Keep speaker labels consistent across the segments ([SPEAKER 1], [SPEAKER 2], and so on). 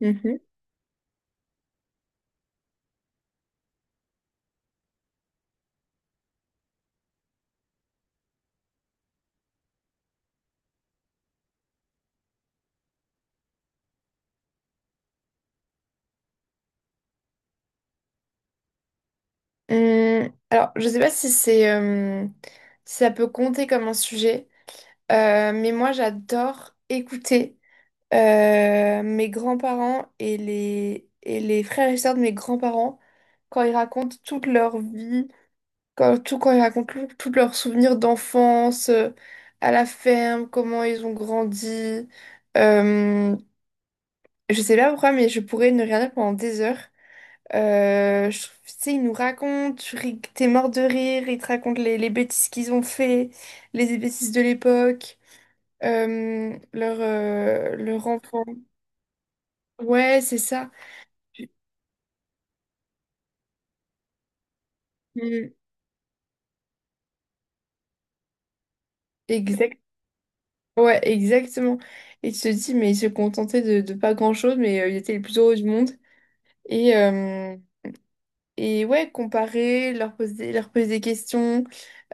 [SPEAKER 1] Mhm. Alors, je sais pas si c'est si ça peut compter comme un sujet, mais moi j'adore écouter mes grands-parents et les frères et sœurs de mes grands-parents quand ils racontent toute leur vie, quand ils racontent tous leurs souvenirs d'enfance à la ferme, comment ils ont grandi. Euh, je sais pas pourquoi, mais je pourrais ne rien dire pendant des heures. Tu sais, ils nous racontent, t'es mort de rire, ils te racontent les bêtises qu'ils ont fait, les bêtises de l'époque, leur enfant. Ouais, c'est ça. Mm. Exact. Ouais, exactement. Et tu te dis, mais ils se contentaient de pas grand-chose, mais ils étaient les plus heureux du monde. Et, euh, Et ouais, comparer, leur poser des questions.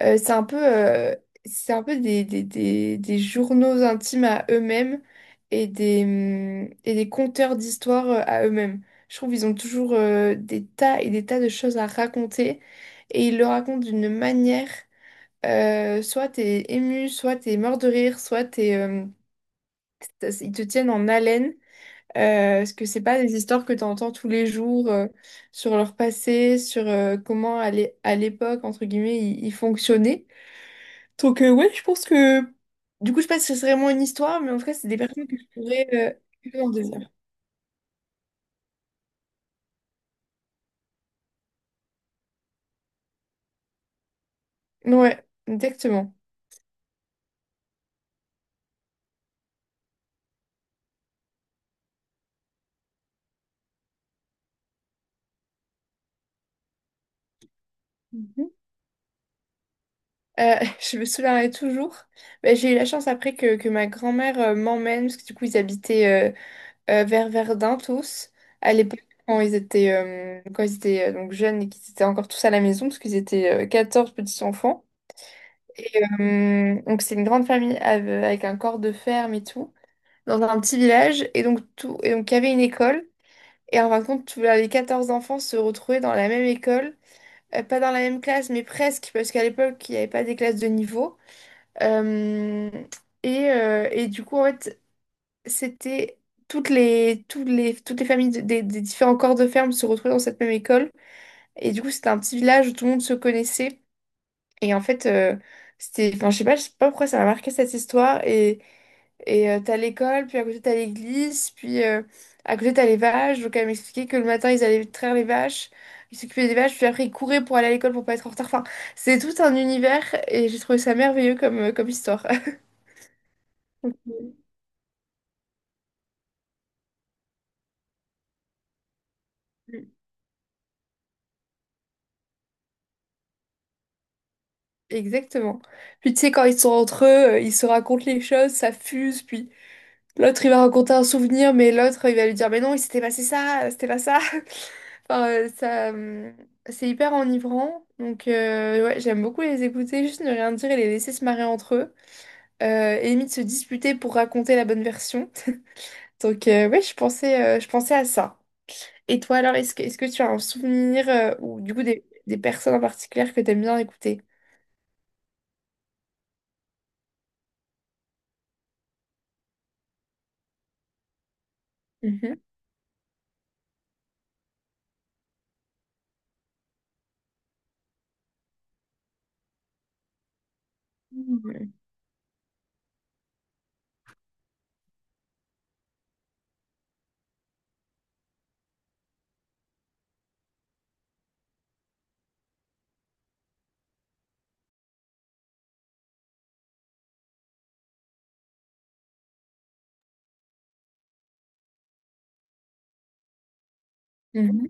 [SPEAKER 1] Euh, c'est un peu, euh, c'est un peu des journaux intimes à eux-mêmes et des conteurs d'histoires à eux-mêmes. Je trouve qu'ils ont toujours des tas et des tas de choses à raconter et ils le racontent d'une manière, soit t'es ému, soit t'es mort de rire, ils te tiennent en haleine. Parce que c'est pas des histoires que tu entends tous les jours sur leur passé, sur comment à l'époque, entre guillemets, ils fonctionnaient. Donc ouais, je pense que du coup, je sais pas si c'est vraiment une histoire, mais en tout cas, c'est des personnes que je pourrais que en désir. Ouais, exactement. Mhm. Euh, je me souviendrai toujours. Bah, j'ai eu la chance après que ma grand-mère m'emmène, parce que du coup, ils habitaient vers Verdun tous. À l'époque, quand ils étaient donc jeunes et qu'ils étaient encore tous à la maison, parce qu'ils étaient 14 petits-enfants. Et donc, c'est une grande famille avec un corps de ferme et tout, dans un petit village. Et donc, il y avait une école. Et en fin de compte, tous les 14 enfants se retrouvaient dans la même école. Pas dans la même classe, mais presque, parce qu'à l'époque, il n'y avait pas des classes de niveau. Euh, et du coup, en fait, c'était toutes les familles des différents corps de ferme se retrouvaient dans cette même école. Et du coup, c'était un petit village où tout le monde se connaissait. Et en fait, c'était, enfin, je sais pas pourquoi ça m'a marqué cette histoire. Et t'as l'école, puis à côté t'as l'église, puis à côté t'as les vaches. Donc elle m'expliquait que le matin, ils allaient traire les vaches. Ils s'occupaient des vaches, puis après ils couraient pour aller à l'école pour pas être en retard. Enfin, c'est tout un univers et j'ai trouvé ça merveilleux comme histoire. Exactement. Puis tu sais, quand ils sont entre eux, ils se racontent les choses, ça fuse, puis l'autre il va raconter un souvenir, mais l'autre il va lui dire, mais non, il s'était passé ça, c'était pas ça. Enfin, c'est hyper enivrant. Donc, ouais, j'aime beaucoup les écouter, juste ne rien dire et les laisser se marrer entre eux. Et limite se disputer pour raconter la bonne version. Donc, ouais, je pensais à ça. Et toi, alors, est-ce que tu as un souvenir ou du coup des personnes en particulier que t'aimes bien écouter? Mhm. Mhm. Mhm.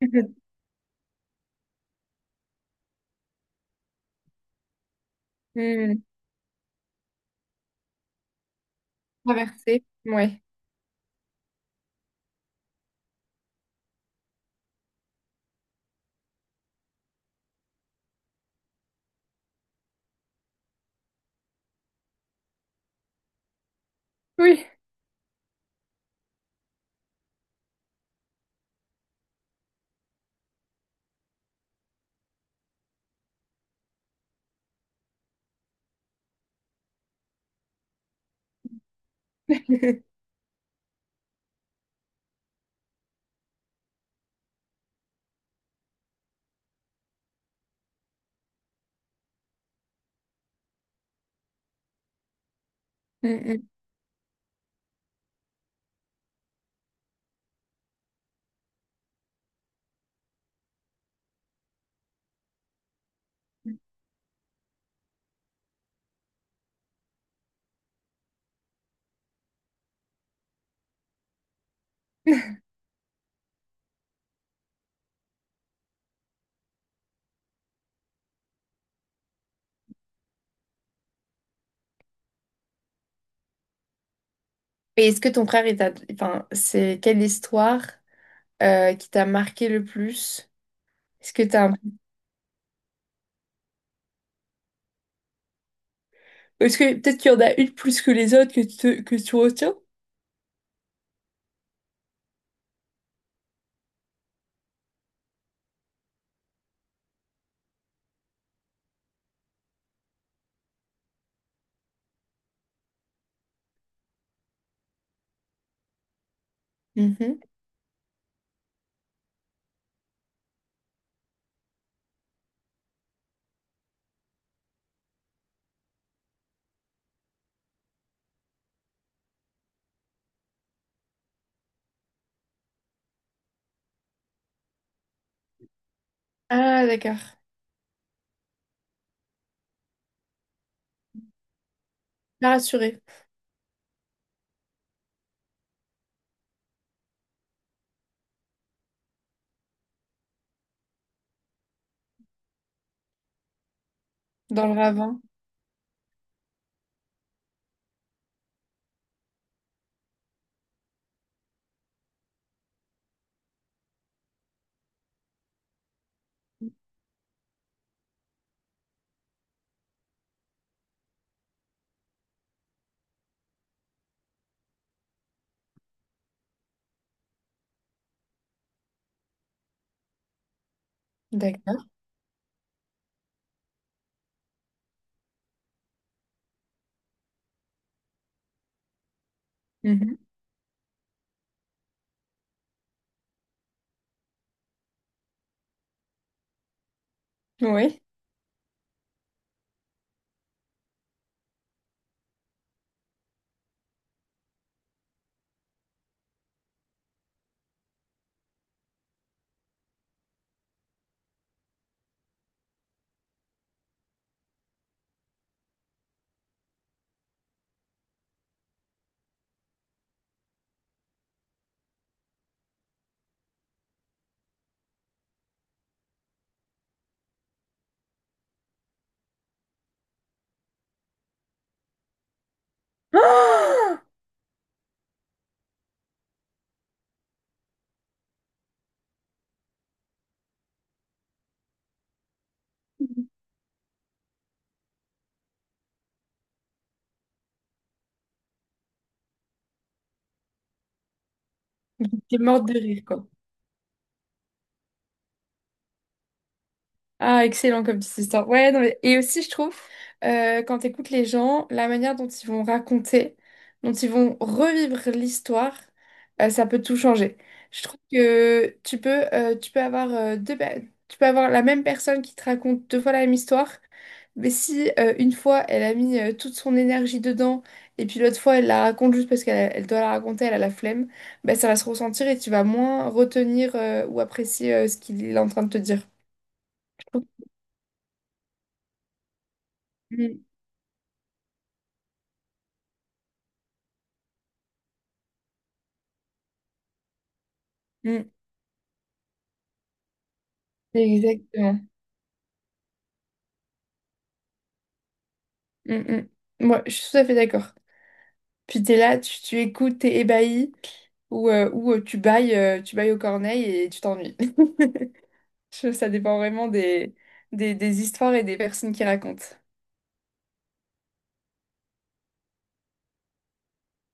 [SPEAKER 1] Hmm. Traversée, ouais. Oui. Hmm, hmm. Et est-ce que ton frère, il t'a... Enfin, c'est quelle histoire qui t'a marqué le plus? Est-ce que t'as... un- Est-ce que peut-être qu'il y en a une plus que les autres que que tu retiens? Mhm. Ah, d'accord. Pas rassurée. Dans le ravin. D'accord. Mhm. Oui. Ah, t'es morte de rire, quoi. Ah, excellent comme petite histoire. Ouais, non, mais et aussi, je trouve, quand tu écoutes les gens, la manière dont ils vont raconter, dont ils vont revivre l'histoire, ça peut tout changer. Je trouve que tu peux, tu peux avoir la même personne qui te raconte deux fois la même histoire, mais si une fois, elle a mis toute son énergie dedans, et puis l'autre fois, elle la raconte juste parce qu'elle doit la raconter, elle a la flemme, ben, ça va se ressentir et tu vas moins retenir ou apprécier ce qu'il est en train de te dire. Mm. Exactement. Mm, mm. Ouais, je suis tout à fait d'accord. Puis t'es là, tu écoutes, t'es ébahi, ou tu bailles aux corneilles et tu t'ennuies. Je- ça dépend vraiment des histoires et des personnes qui racontent.